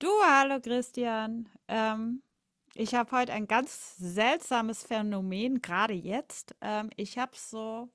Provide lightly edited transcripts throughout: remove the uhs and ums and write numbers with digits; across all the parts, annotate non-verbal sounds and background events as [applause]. Du, hallo Christian. Ich habe heute ein ganz seltsames Phänomen, gerade jetzt. Ich habe so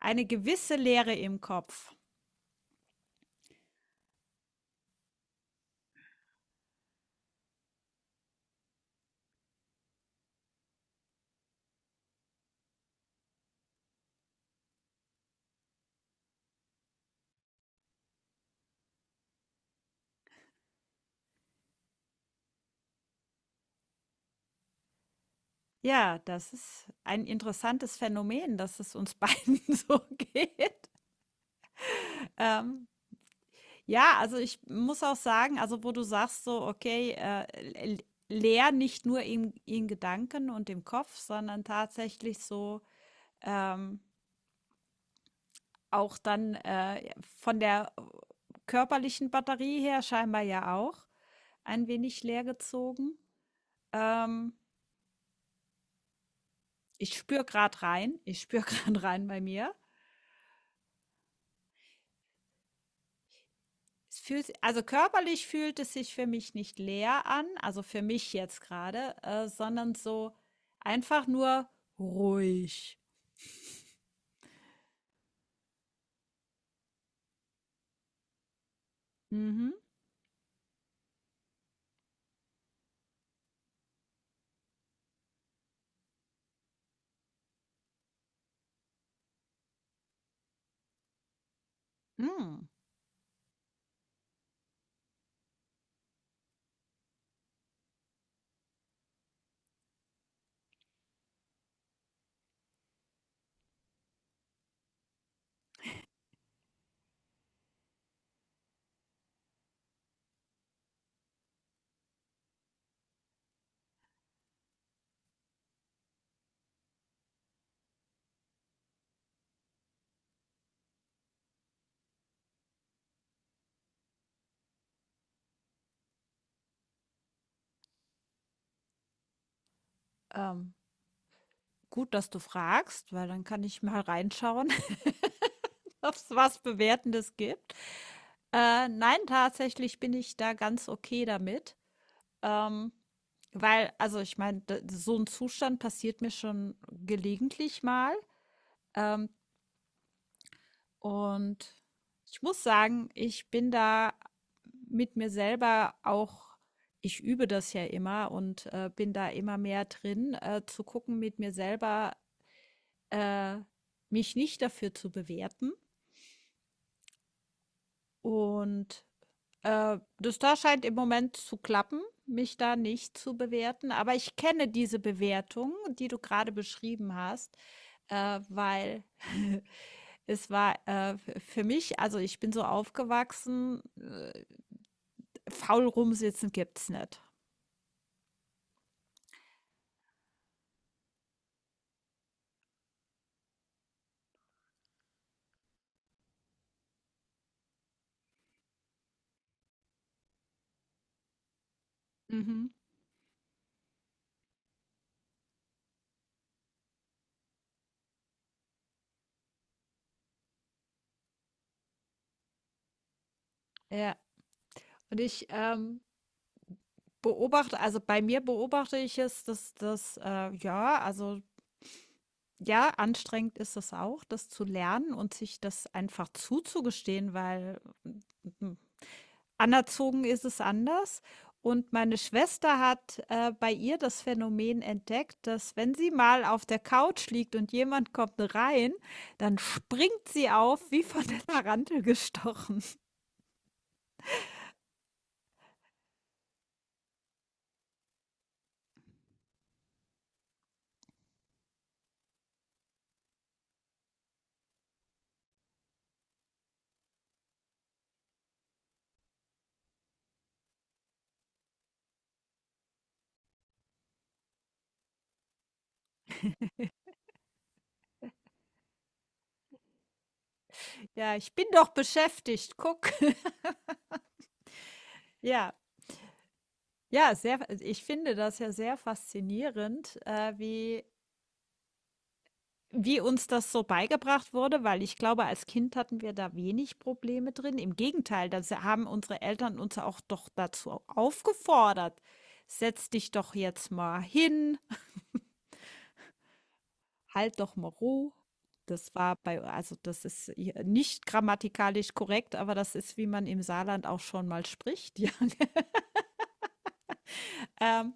eine gewisse Leere im Kopf. Ja, das ist ein interessantes Phänomen, dass es uns [laughs] beiden so geht. Ähm, ja, also ich muss auch sagen, also wo du sagst so, okay, le- leer nicht nur in Gedanken und im Kopf, sondern tatsächlich so, ähm, auch dann von der körperlichen Batterie her scheinbar ja auch ein wenig leer gezogen. Ähm, Ich spüre gerade rein, ich spüre gerade [laughs] rein bei mir. Es fühlt, also körperlich fühlt es sich für mich nicht leer an, also für mich jetzt gerade, sondern so einfach nur ruhig. Mhm. Mhm. Ähm, gut, dass du fragst, weil dann kann ich mal reinschauen, [laughs] ob es was Bewertendes gibt. Nein, tatsächlich bin ich da ganz okay damit. Ähm, Weil, also ich meine, so ein Zustand passiert mir schon gelegentlich mal. Ähm, und ich muss sagen, ich bin da mit mir selber auch, ich übe das ja immer und bin da immer mehr drin, zu gucken, mit mir selber äh, mich nicht dafür zu bewerten und das da scheint im Moment zu klappen, mich da nicht zu bewerten. Aber ich kenne diese Bewertung, die du gerade beschrieben hast, weil [laughs] es war für mich, also ich bin so aufgewachsen, faul rumsitzen gibt's nicht. Mhm. Ja, und ich beobachte, also bei mir beobachte ich es, dass das, ja, also ja, anstrengend ist es auch, das zu lernen und sich das einfach zuzugestehen, weil anerzogen ist es anders. Und meine Schwester hat, bei ihr das Phänomen entdeckt, dass wenn sie mal auf der Couch liegt und jemand kommt rein, dann springt sie auf wie von der Tarantel gestochen. „Ja, ich bin doch beschäftigt, guck.“ [laughs] Ja, ja, sehr ich finde das ja sehr faszinierend, wie uns das so beigebracht wurde, weil ich glaube, als Kind hatten wir da wenig Probleme drin. Im Gegenteil, da haben unsere Eltern uns auch doch dazu aufgefordert. Setz dich doch jetzt mal hin, halt doch mal Ruhe. Das war bei, also das ist hier nicht grammatikalisch korrekt, aber das ist, wie man im Saarland auch schon mal spricht. [laughs] Ja. Ähm,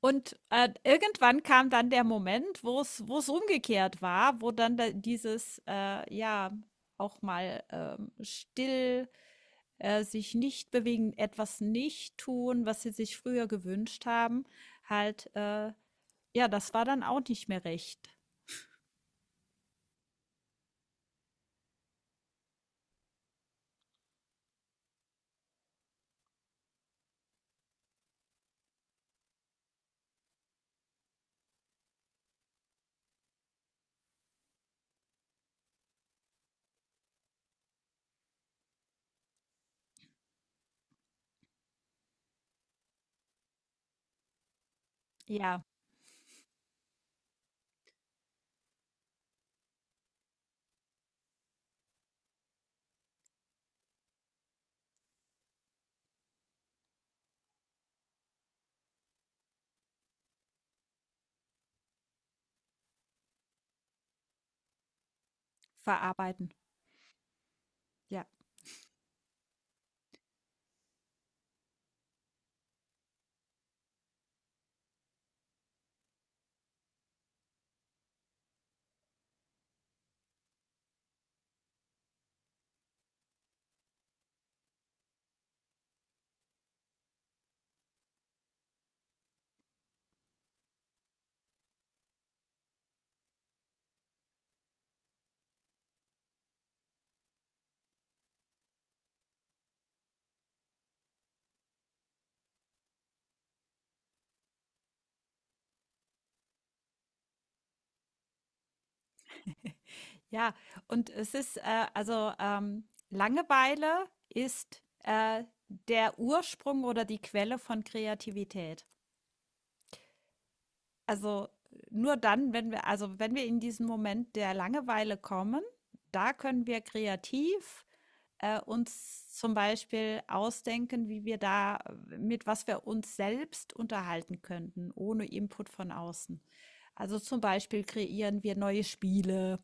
Und, irgendwann kam dann der Moment, wo es umgekehrt war, wo dann da dieses, ja, auch mal, still, sich nicht bewegen, etwas nicht tun, was sie sich früher gewünscht haben, halt, ja, das war dann auch nicht mehr recht. Ja, verarbeiten. Ja. Ja, und es ist, also, Langeweile ist, der Ursprung oder die Quelle von Kreativität. Also, nur dann, wenn wir in diesen Moment der Langeweile kommen, da können wir kreativ, uns zum Beispiel ausdenken, wie wir da mit was wir uns selbst unterhalten könnten, ohne Input von außen. Also, zum Beispiel kreieren wir neue Spiele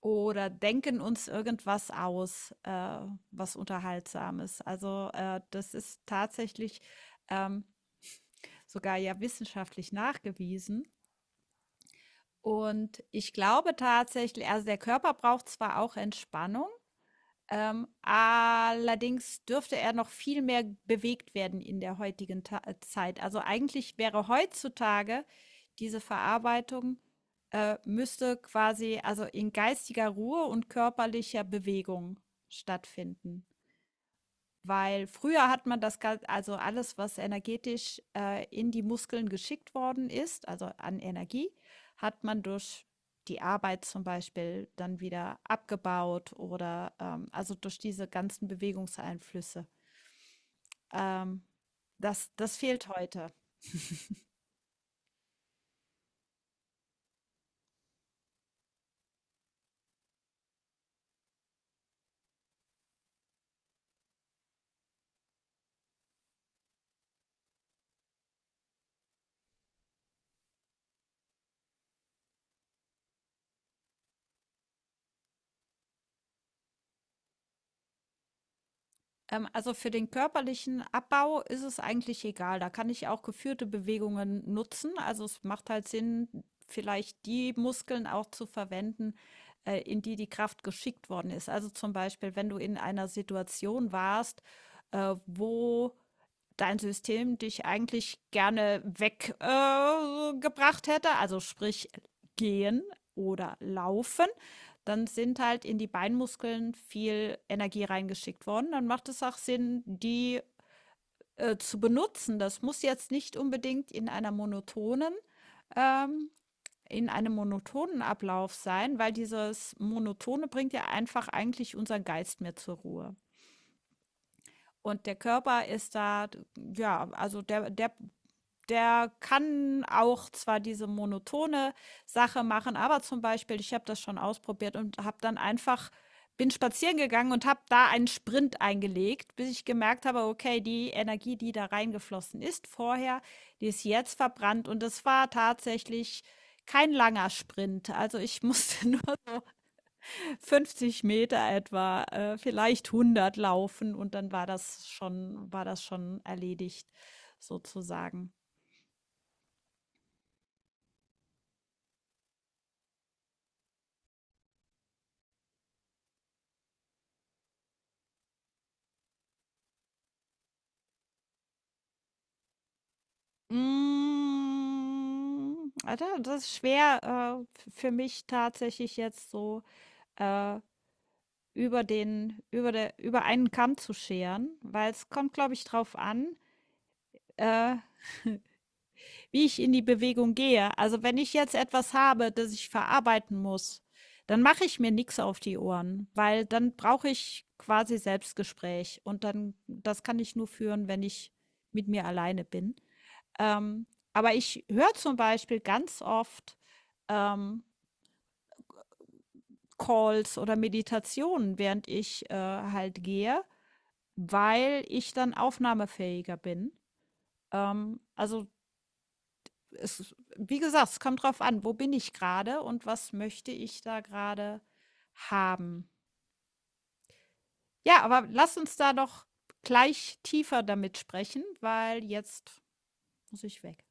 oder denken uns irgendwas aus, was Unterhaltsames. Also, das ist tatsächlich, ähm, sogar ja wissenschaftlich nachgewiesen. Und ich glaube tatsächlich, also, der Körper braucht zwar auch Entspannung, allerdings dürfte er noch viel mehr bewegt werden in der heutigen Ta Zeit. Also, eigentlich wäre heutzutage diese Verarbeitung müsste quasi also in geistiger Ruhe und körperlicher Bewegung stattfinden. Weil früher hat man das Gan also alles, was energetisch, in die Muskeln geschickt worden ist, also an Energie, hat man durch die Arbeit zum Beispiel dann wieder abgebaut oder, also durch diese ganzen Bewegungseinflüsse. Ähm, das fehlt heute. Also für den körperlichen Abbau ist es eigentlich egal. Da kann ich auch geführte Bewegungen nutzen. Also es macht halt Sinn, vielleicht die Muskeln auch zu verwenden, in die Kraft geschickt worden ist. Also zum Beispiel, wenn du in einer Situation warst, wo dein System dich eigentlich gerne weggebracht hätte, also sprich gehen oder laufen, dann sind halt in die Beinmuskeln viel Energie reingeschickt worden. Dann macht es auch Sinn, die zu benutzen. Das muss jetzt nicht unbedingt in einer monotonen ähm, in einem monotonen Ablauf sein, weil dieses Monotone bringt ja einfach eigentlich unseren Geist mehr zur Ruhe. Und der Körper ist da, ja, der kann auch zwar diese monotone Sache machen, aber zum Beispiel, ich habe das schon ausprobiert und habe dann einfach, bin spazieren gegangen und habe da einen Sprint eingelegt, bis ich gemerkt habe, okay, die Energie, die da reingeflossen ist vorher, die ist jetzt verbrannt und es war tatsächlich kein langer Sprint. Also ich [laughs] musste nur 50 Meter etwa, vielleicht 100 laufen und dann war das schon erledigt sozusagen. Da das ist schwer, f für mich tatsächlich jetzt so, äh, über den über der über einen Kamm zu scheren, weil es kommt, glaube ich, drauf an, äh, wie ich in die Bewegung gehe. Also, wenn ich jetzt etwas habe, das ich verarbeiten muss, dann mache ich mir nichts auf die Ohren, weil dann brauche ich quasi Selbstgespräch und dann das kann ich nur führen, wenn ich mit mir alleine bin. Ähm, aber ich höre zum Beispiel ganz oft, ähm, Calls oder Meditationen, während ich, halt gehe, weil ich dann aufnahmefähiger bin. Also, es wie gesagt, es kommt drauf an, wo bin ich gerade und was möchte ich da gerade haben. Ja, aber lass uns da doch gleich tiefer damit sprechen, weil jetzt muss ich weg.